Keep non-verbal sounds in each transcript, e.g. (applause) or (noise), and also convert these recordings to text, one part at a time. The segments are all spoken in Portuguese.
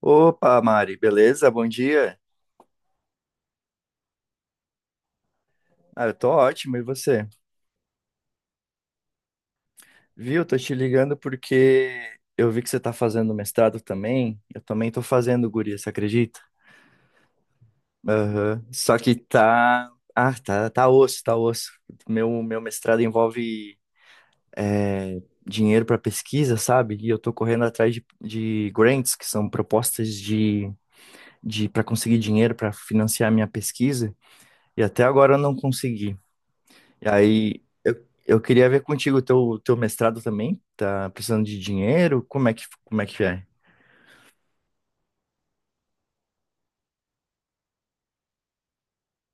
Opa, Mari, beleza? Bom dia. Ah, eu tô ótimo, e você? Viu? Tô te ligando porque eu vi que você tá fazendo mestrado também. Eu também tô fazendo, guria, você acredita? Só que tá. Ah, tá, tá osso, tá osso. Meu mestrado envolve dinheiro para pesquisa, sabe? E eu tô correndo atrás de grants, que são propostas de, para conseguir dinheiro para financiar a minha pesquisa. E até agora eu não consegui. E aí, eu queria ver contigo o teu mestrado também. Tá precisando de dinheiro? Como é que é?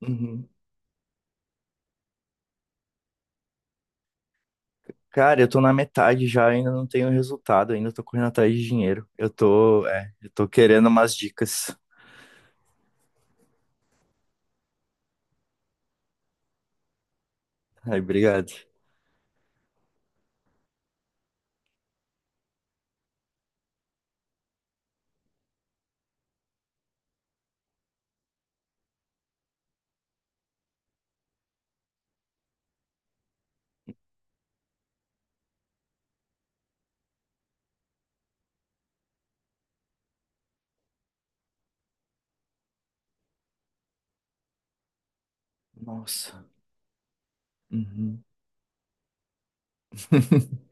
Uhum. Cara, eu tô na metade já, ainda não tenho resultado, ainda tô correndo atrás de dinheiro. Eu tô, eu tô querendo umas dicas. Ai, obrigado. Nossa. Uhum. (laughs)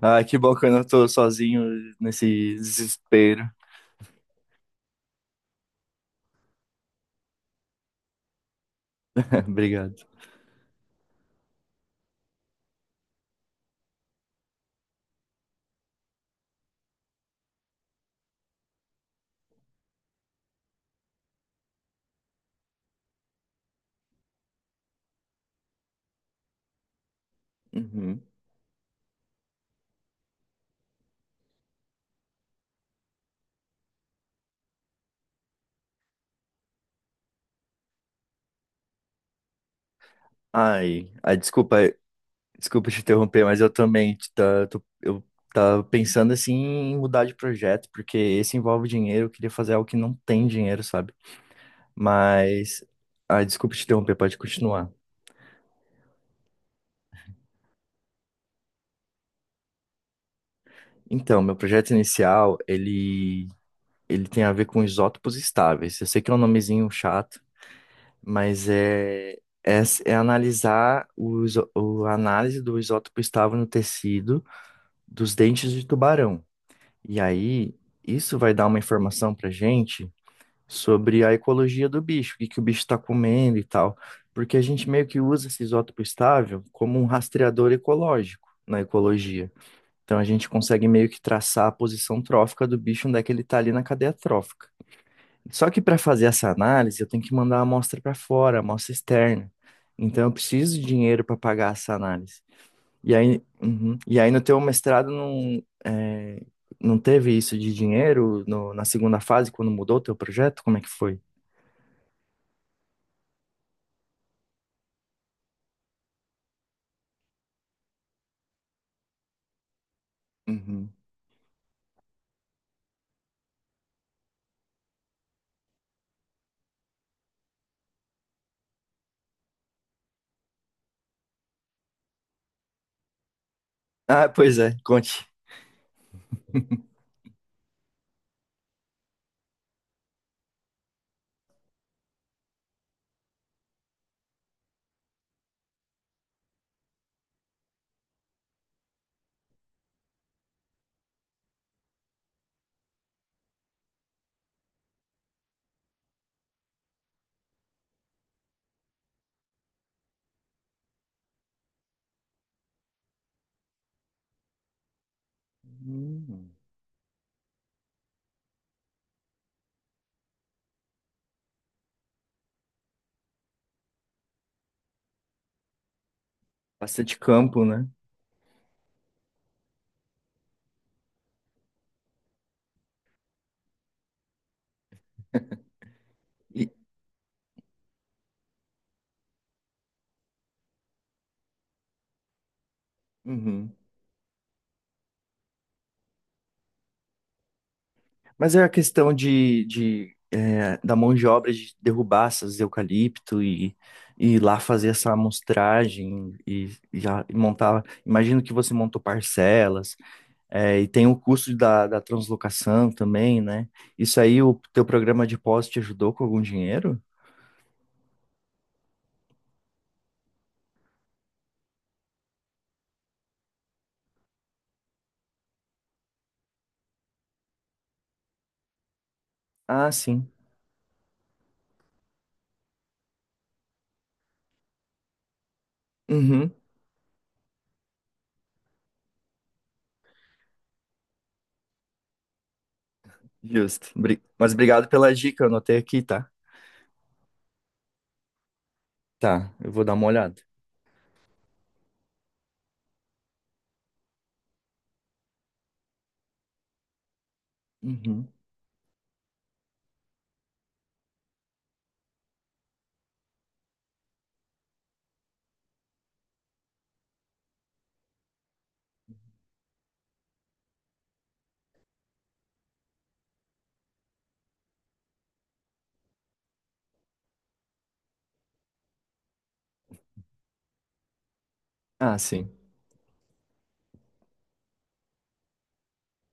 Ah, que bom que eu não tô sozinho nesse desespero. (laughs) Obrigado. Uhum. Ai, ai, desculpa. Desculpa te interromper, mas eu também eu tava pensando assim em mudar de projeto, porque esse envolve dinheiro, eu queria fazer algo que não tem dinheiro, sabe? Mas, ah, desculpa te interromper, pode continuar. Então, meu projeto inicial, ele tem a ver com isótopos estáveis. Eu sei que é um nomezinho chato, mas é analisar a análise do isótopo estável no tecido dos dentes de tubarão. E aí, isso vai dar uma informação pra gente sobre a ecologia do bicho, o que que o bicho está comendo e tal, porque a gente meio que usa esse isótopo estável como um rastreador ecológico na ecologia. Então a gente consegue meio que traçar a posição trófica do bicho, onde é que ele está ali na cadeia trófica. Só que para fazer essa análise, eu tenho que mandar a amostra para fora, a amostra externa. Então eu preciso de dinheiro para pagar essa análise. E aí, uhum. E aí no teu mestrado não, não teve isso de dinheiro na segunda fase, quando mudou o teu projeto? Como é que foi? Uhum. Ah, pois é, conte. Hum. Bastante campo, né? E- uhum. Mas é a questão de da mão de obra de derrubar essas eucalipto e ir lá fazer essa amostragem e e montar. Imagino que você montou parcelas, é, e tem o custo da translocação também, né? Isso aí, o teu programa de pós te ajudou com algum dinheiro? Ah, sim. Uhum. Justo. Mas obrigado pela dica, eu anotei aqui, tá? Tá, eu vou dar uma olhada. Uhum. Ah, sim.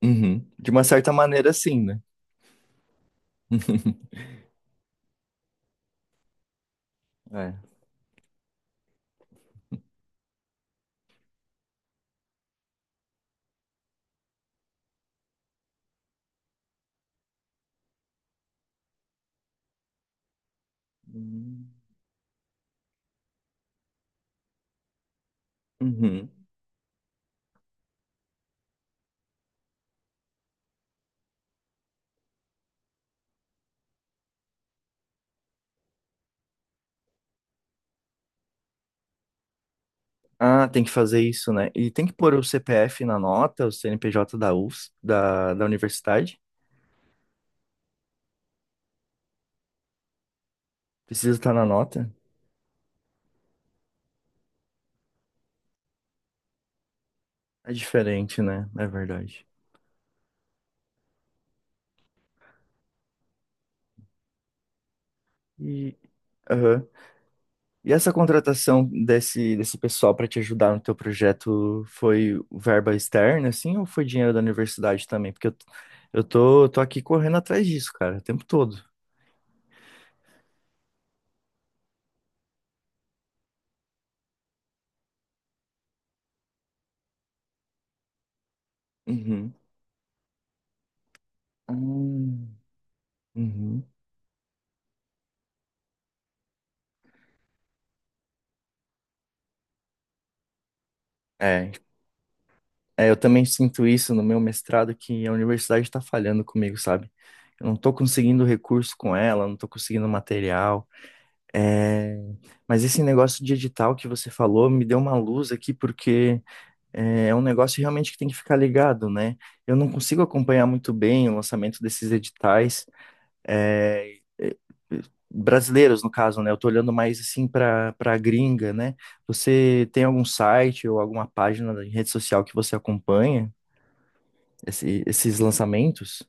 Uhum. De uma certa maneira, sim, né? É. Hum. Uhum. Ah, tem que fazer isso, né? E tem que pôr o CPF na nota, o CNPJ da US, da universidade. Precisa estar na nota. É diferente, né? É verdade. E, aham. E essa contratação desse pessoal para te ajudar no teu projeto foi verba externa, assim, ou foi dinheiro da universidade também? Porque eu tô aqui correndo atrás disso, cara, o tempo todo. Uhum. Hum, uhum. É, eu também sinto isso no meu mestrado, que a universidade está falhando comigo, sabe? Eu não estou conseguindo recurso com ela, não estou conseguindo material. É, mas esse negócio de edital que você falou me deu uma luz aqui, porque é um negócio realmente que tem que ficar ligado, né? Eu não consigo acompanhar muito bem o lançamento desses editais, é, é, é, brasileiros, no caso, né? Eu tô olhando mais assim para gringa, né? Você tem algum site ou alguma página de rede social que você acompanha esses lançamentos?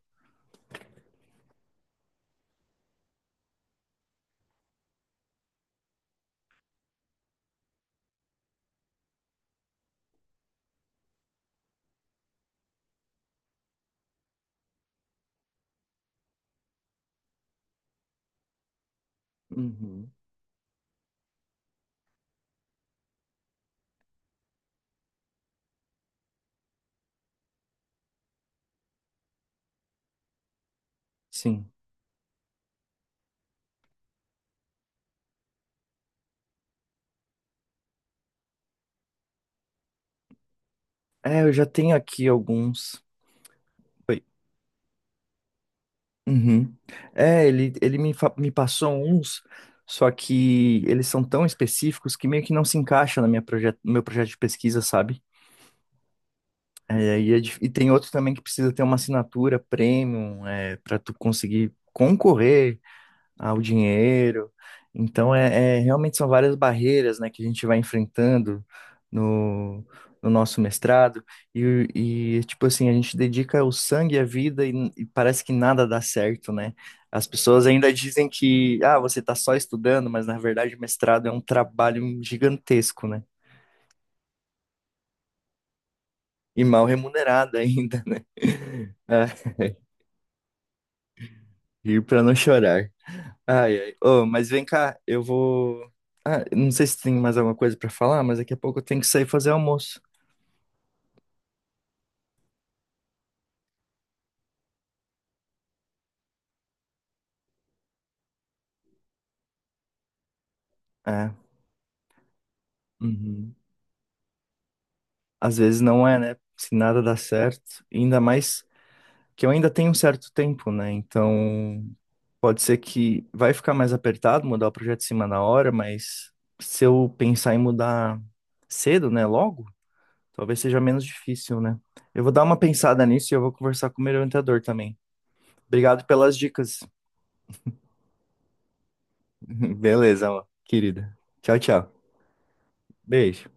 Uhum. Sim. É, eu já tenho aqui alguns. Oi. Uhum. É, ele me, me passou uns, só que eles são tão específicos que meio que não se encaixa na no meu projeto de pesquisa, sabe? É, aí é dif- e, tem outros também que precisa ter uma assinatura premium, é, para tu conseguir concorrer ao dinheiro. Então, realmente são várias barreiras, né, que a gente vai enfrentando no, no nosso mestrado. E, tipo assim, a gente dedica o sangue e a vida e parece que nada dá certo, né? As pessoas ainda dizem que, ah, você está só estudando, mas na verdade o mestrado é um trabalho gigantesco, né? E mal remunerado ainda, né? (laughs) É. Ir pra não chorar. Ai, ai. Ô, mas vem cá, eu vou. Ah, não sei se tem mais alguma coisa pra falar, mas daqui a pouco eu tenho que sair fazer almoço. É. Uhum. Às vezes não é, né? Se nada dá certo, ainda mais que eu ainda tenho um certo tempo, né? Então, pode ser que vai ficar mais apertado mudar o projeto de cima na hora, mas se eu pensar em mudar cedo, né, logo, talvez seja menos difícil, né? Eu vou dar uma pensada nisso e eu vou conversar com o meu orientador também. Obrigado pelas dicas. (laughs) Beleza, amor, querida. Tchau, tchau. Beijo.